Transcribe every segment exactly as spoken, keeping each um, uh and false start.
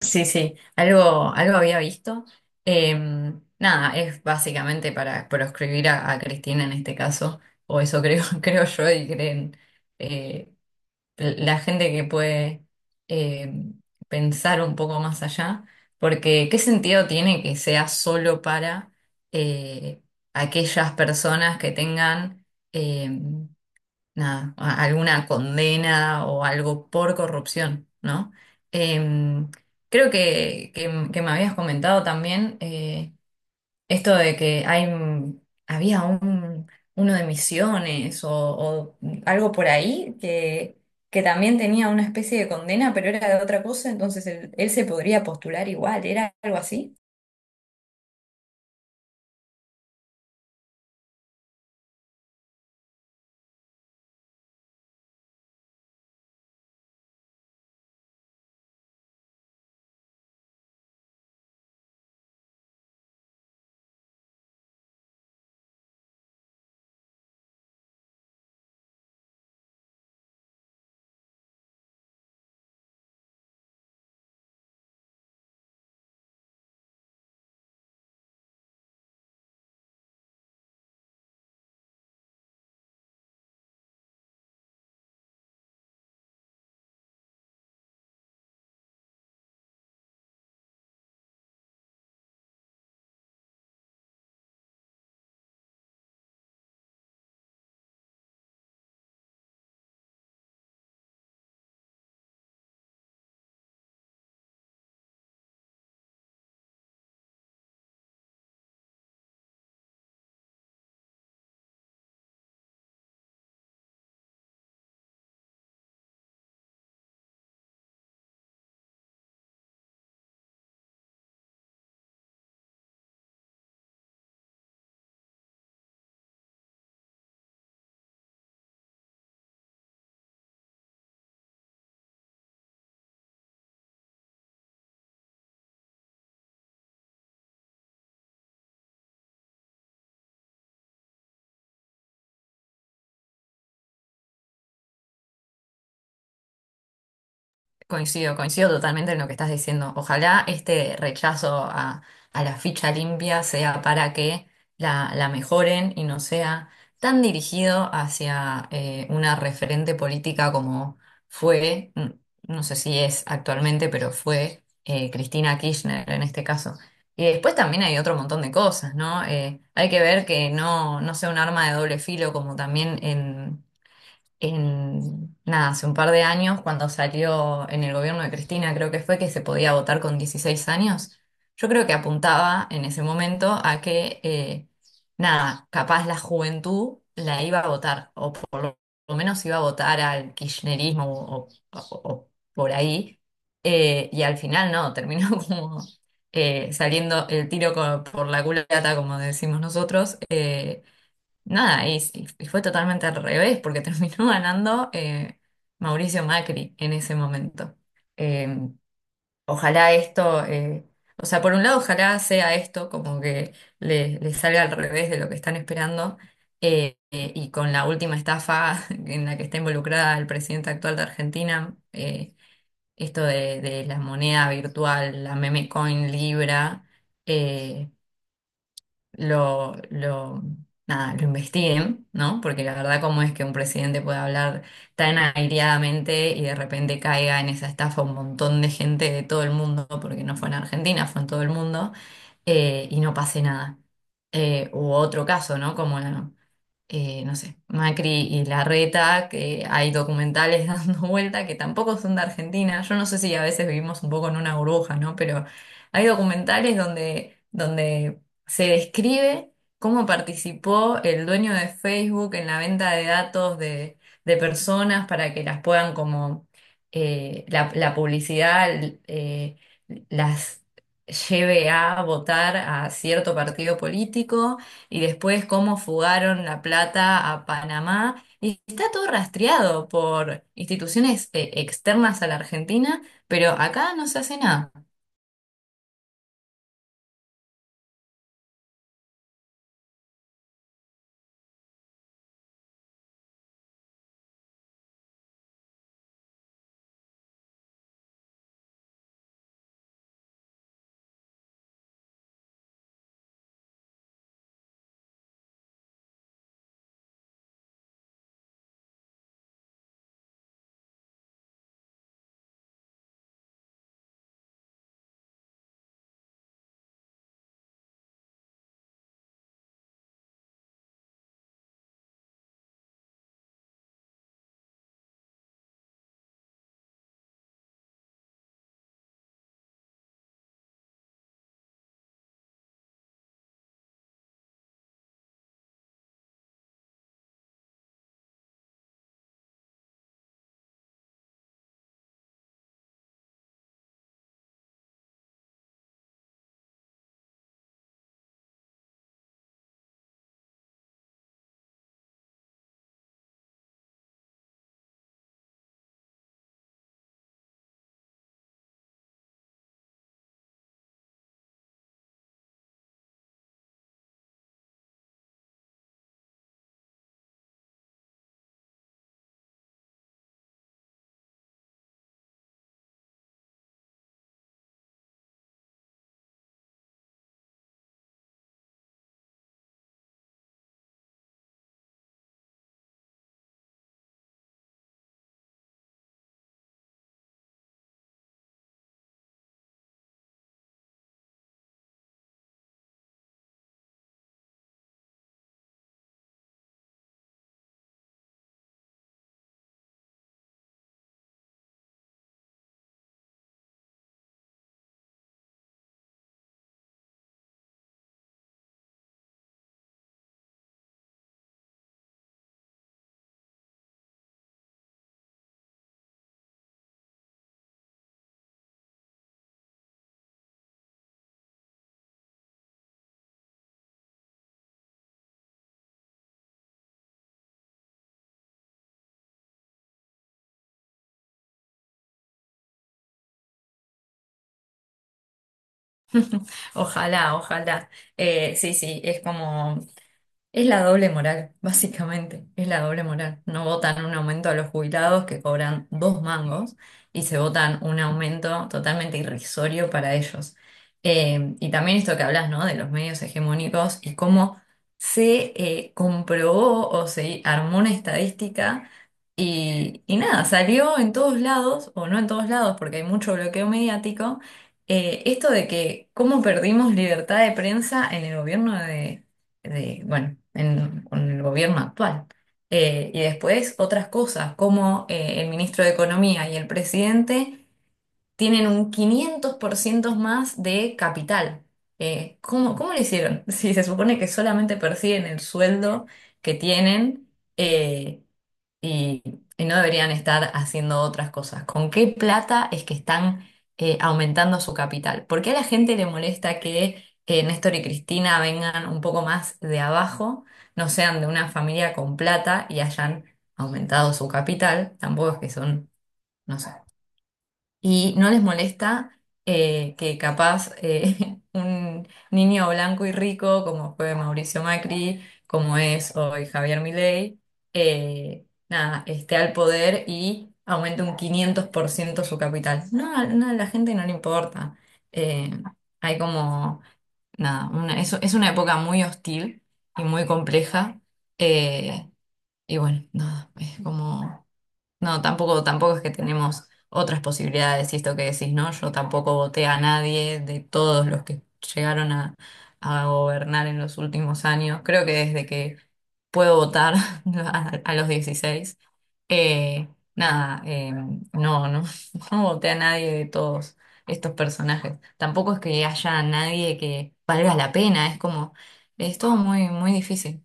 Sí, sí, algo, algo había visto. Eh, nada, es básicamente para proscribir a, a Cristina en este caso, o eso creo, creo yo y creen eh, la gente que puede eh, pensar un poco más allá, porque ¿qué sentido tiene que sea solo para eh, aquellas personas que tengan... em, nada, a- alguna condena o algo por corrupción, ¿no? Em, creo que, que- que me habías comentado también eh, esto de que hay, mm, había un, uno de Misiones o, o algo por ahí que, que también tenía una especie de condena, pero era de otra cosa, entonces él, él se podría postular igual, ¿era algo así? Coincido, coincido totalmente en lo que estás diciendo. Ojalá este rechazo a, a la ficha limpia sea para que la, la mejoren y no sea tan dirigido hacia eh, una referente política como fue, mm, no sé si es actualmente, pero fue eh, Cristina Kirchner en este caso. Y después también hay otro montón de cosas, ¿no? Eh, hay que ver que no, no sea un arma de doble filo como también en en, nada, hace un par de años, cuando salió en el gobierno de Cristina, creo que fue que se podía votar con dieciséis años. Yo creo que apuntaba en ese momento a que, eh, nada, capaz la juventud la iba a votar, o por lo lo menos iba a votar al kirchnerismo o, o- o por ahí, eh, y al final no, terminó como... eh, saliendo el tiro co- por la culata, como decimos nosotros. Eh, Nada, y, s- Y fue totalmente al revés, porque terminó ganando eh, Mauricio Macri en ese momento. Eh, Ojalá esto, eh, o sea, por un lado, ojalá sea esto como que le, le salga al revés de lo que están esperando, eh, eh, y con la última estafa en la que está involucrada el presidente actual de Argentina, eh, esto de, de la moneda virtual, la meme coin Libra. eh, lo, lo, nada, lo investiguen, ¿no? Porque la verdad, cómo es que un presidente puede hablar tan aireadamente y de repente caiga en esa estafa un montón de gente de todo el mundo, porque no fue en Argentina, fue en todo el mundo, eh, y no pase nada. Eh, u otro caso, ¿no? Como la, eh, no sé, Macri y Larreta, que hay documentales dando vuelta que tampoco son de Argentina. Yo no sé si a veces vivimos un poco en una burbuja, ¿no? Pero hay documentales donde, donde se describe cómo participó el dueño de Facebook en la venta de datos de, de personas para que las puedan como eh, la, la publicidad eh, las lleve a votar a cierto partido político y después cómo fugaron la plata a Panamá. Y está todo rastreado por instituciones eh, externas a la Argentina, pero acá no se hace nada. Ojalá, ojalá. Eh, sí, sí, es como... Es la doble moral, básicamente, es la doble moral. No votan un aumento a los jubilados que cobran dos mangos y se votan un aumento totalmente irrisorio para ellos. Eh, y también esto que hablas, ¿no? De los medios hegemónicos y cómo se eh, comprobó o se armó una estadística y, y nada, salió en todos lados, o no en todos lados, porque hay mucho bloqueo mediático, eh, esto de que cómo perdimos libertad de prensa en el gobierno de de, bueno, en, con el gobierno actual. Eh, y después otras cosas, como eh, el ministro de Economía y el presidente tienen un quinientos por ciento más de capital. Eh, ¿cómo, cómo lo hicieron? Si se supone que solamente perciben el sueldo que tienen, eh, y, y no deberían estar haciendo otras cosas. ¿Con qué plata es que están eh, aumentando su capital? ¿Por qué a la gente le molesta que eh, Néstor y Cristina vengan un poco más de abajo, no sean de una familia con plata y hayan aumentado su capital? Tampoco es que son, no sé, y no les molesta eh, que capaz eh, un niño blanco y rico, como fue Mauricio Macri, como es hoy Javier Milei, eh, nada, esté al poder y aumente un quinientos por ciento su capital. No, a- no, a la gente no le importa. Eh, hay como, nada, una- es, es una época muy hostil y muy compleja. Eh, y bueno, nada, Es como... No, tampoco, tampoco es que tenemos otras posibilidades, y esto que decís, ¿no? Yo tampoco voté a nadie de todos los que llegaron a, a gobernar en los últimos años. Creo que desde que puedo votar a, a los dieciséis eh, nada, eh, no, no, no voté a nadie de todos estos personajes. Tampoco es que haya nadie que valga la pena, es como, es todo muy, muy difícil.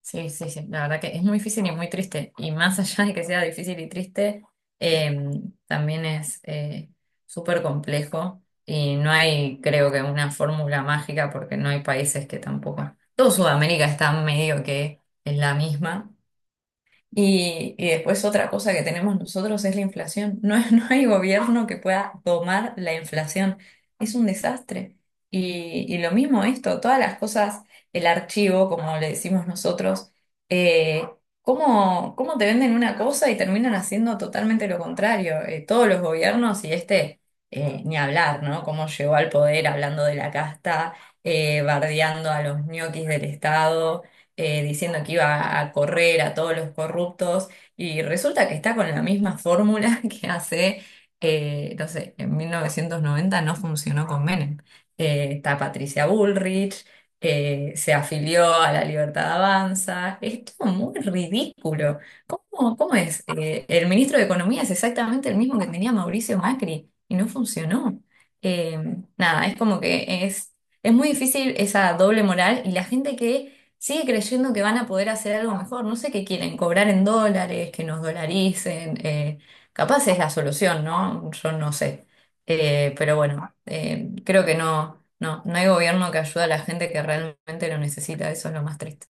Sí, sí, sí, la verdad que es muy difícil y muy triste. Y más allá de que sea difícil y triste, eh, también es eh, súper complejo y no hay, creo que, una fórmula mágica porque no hay países que tampoco... Todo Sudamérica está medio que es la misma y, y después otra cosa que tenemos nosotros es la inflación. No, es- no hay gobierno que pueda domar la inflación. Es un desastre. Y, y lo mismo esto, todas las cosas, el archivo, como le decimos nosotros, eh, ¿cómo, cómo te venden una cosa y terminan haciendo totalmente lo contrario? Eh, todos los gobiernos y este, eh, ni hablar, ¿no? Cómo llegó al poder hablando de la casta, eh, bardeando a los ñoquis del Estado eh, diciendo que iba a correr a todos los corruptos y resulta que está con la misma fórmula que hace, eh, no sé, en mil novecientos noventa no funcionó con Menem. Eh, está Patricia Bullrich, eh, se afilió a la Libertad Avanza, es todo muy ridículo. ¿Cómo, cómo es? Eh, el ministro de Economía es exactamente el mismo que tenía Mauricio Macri y no funcionó. Eh, nada, es como que es, es muy difícil esa doble moral y la gente que sigue creyendo que van a poder hacer algo mejor. No sé qué quieren, cobrar en dólares, que nos dolaricen. Eh, capaz es la solución, ¿no? Yo no sé. Eh, pero bueno, eh, creo que no, no, no hay gobierno que ayude a la gente que realmente lo necesita. Eso es lo más triste.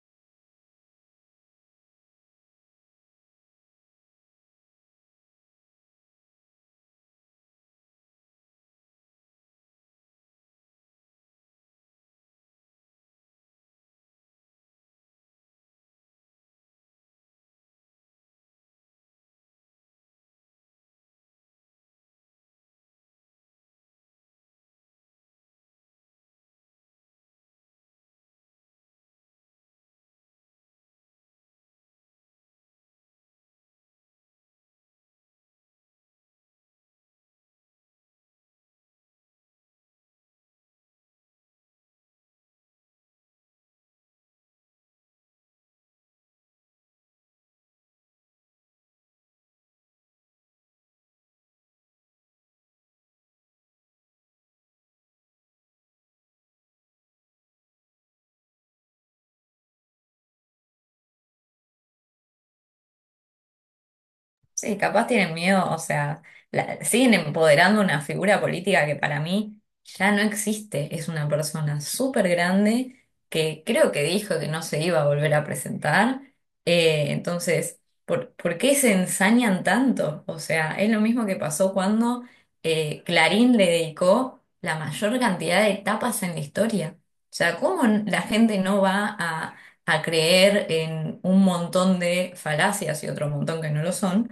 Sí, capaz tienen miedo, o sea, la- siguen empoderando una figura política que para mí ya no existe. Es una persona súper grande que creo que dijo que no se iba a volver a presentar. Eh, entonces, ¿por, por qué se ensañan tanto? O sea, es lo mismo que pasó cuando eh, Clarín le dedicó la mayor cantidad de tapas en la historia. O sea, ¿cómo n- la gente no va a, a creer en un montón de falacias y otro montón que no lo son?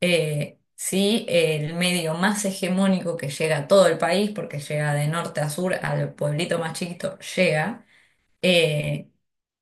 Eh, sí, el medio más hegemónico que llega a todo el país, porque llega de norte a sur, al pueblito más chiquito, llega. Eh,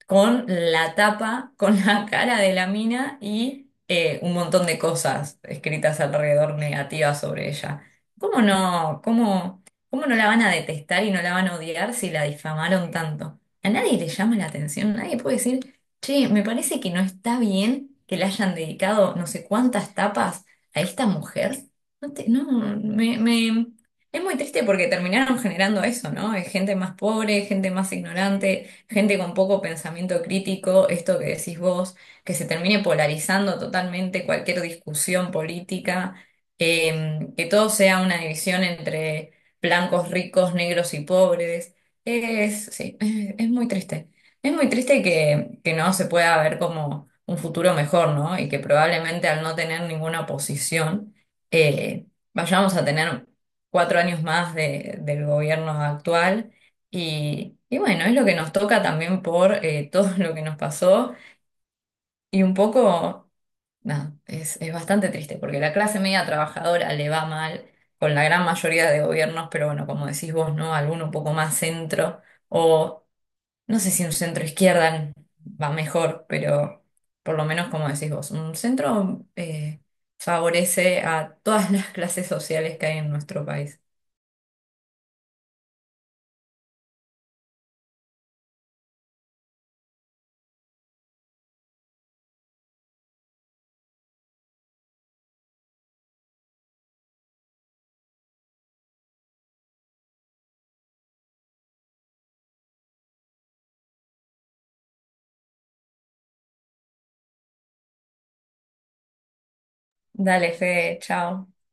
con la tapa, con la cara de la mina y eh, un montón de cosas escritas alrededor negativas sobre ella. ¿Cómo no, cómo, ¿Cómo no la van a detestar y no la van a odiar si la difamaron tanto? A nadie le llama la atención, nadie puede decir, che, me parece que no está bien que le hayan dedicado no sé cuántas tapas a esta mujer. No, te- no, me, me- Es muy triste porque terminaron generando eso, ¿no? Es gente más pobre, gente más ignorante, gente con poco pensamiento crítico, esto que decís vos, que se termine polarizando totalmente cualquier discusión política, eh, que todo sea una división entre blancos ricos, negros y pobres. Es, sí, es, es muy triste. Es muy triste que, que no se pueda ver como un futuro mejor, ¿no? Y que probablemente al no tener ninguna oposición, eh, vayamos a tener cuatro años más de- del gobierno actual y, y bueno, es lo que nos toca también por eh, todo lo que nos pasó y un poco, nada, es, es bastante triste porque la clase media trabajadora le va mal con la gran mayoría de gobiernos, pero bueno, como decís vos, ¿no? Alguno un poco más centro o no sé si un centro izquierda va mejor, pero por lo menos como decís vos, un centro eh, favorece a todas las clases sociales que hay en nuestro país. Dale, Fede, chao.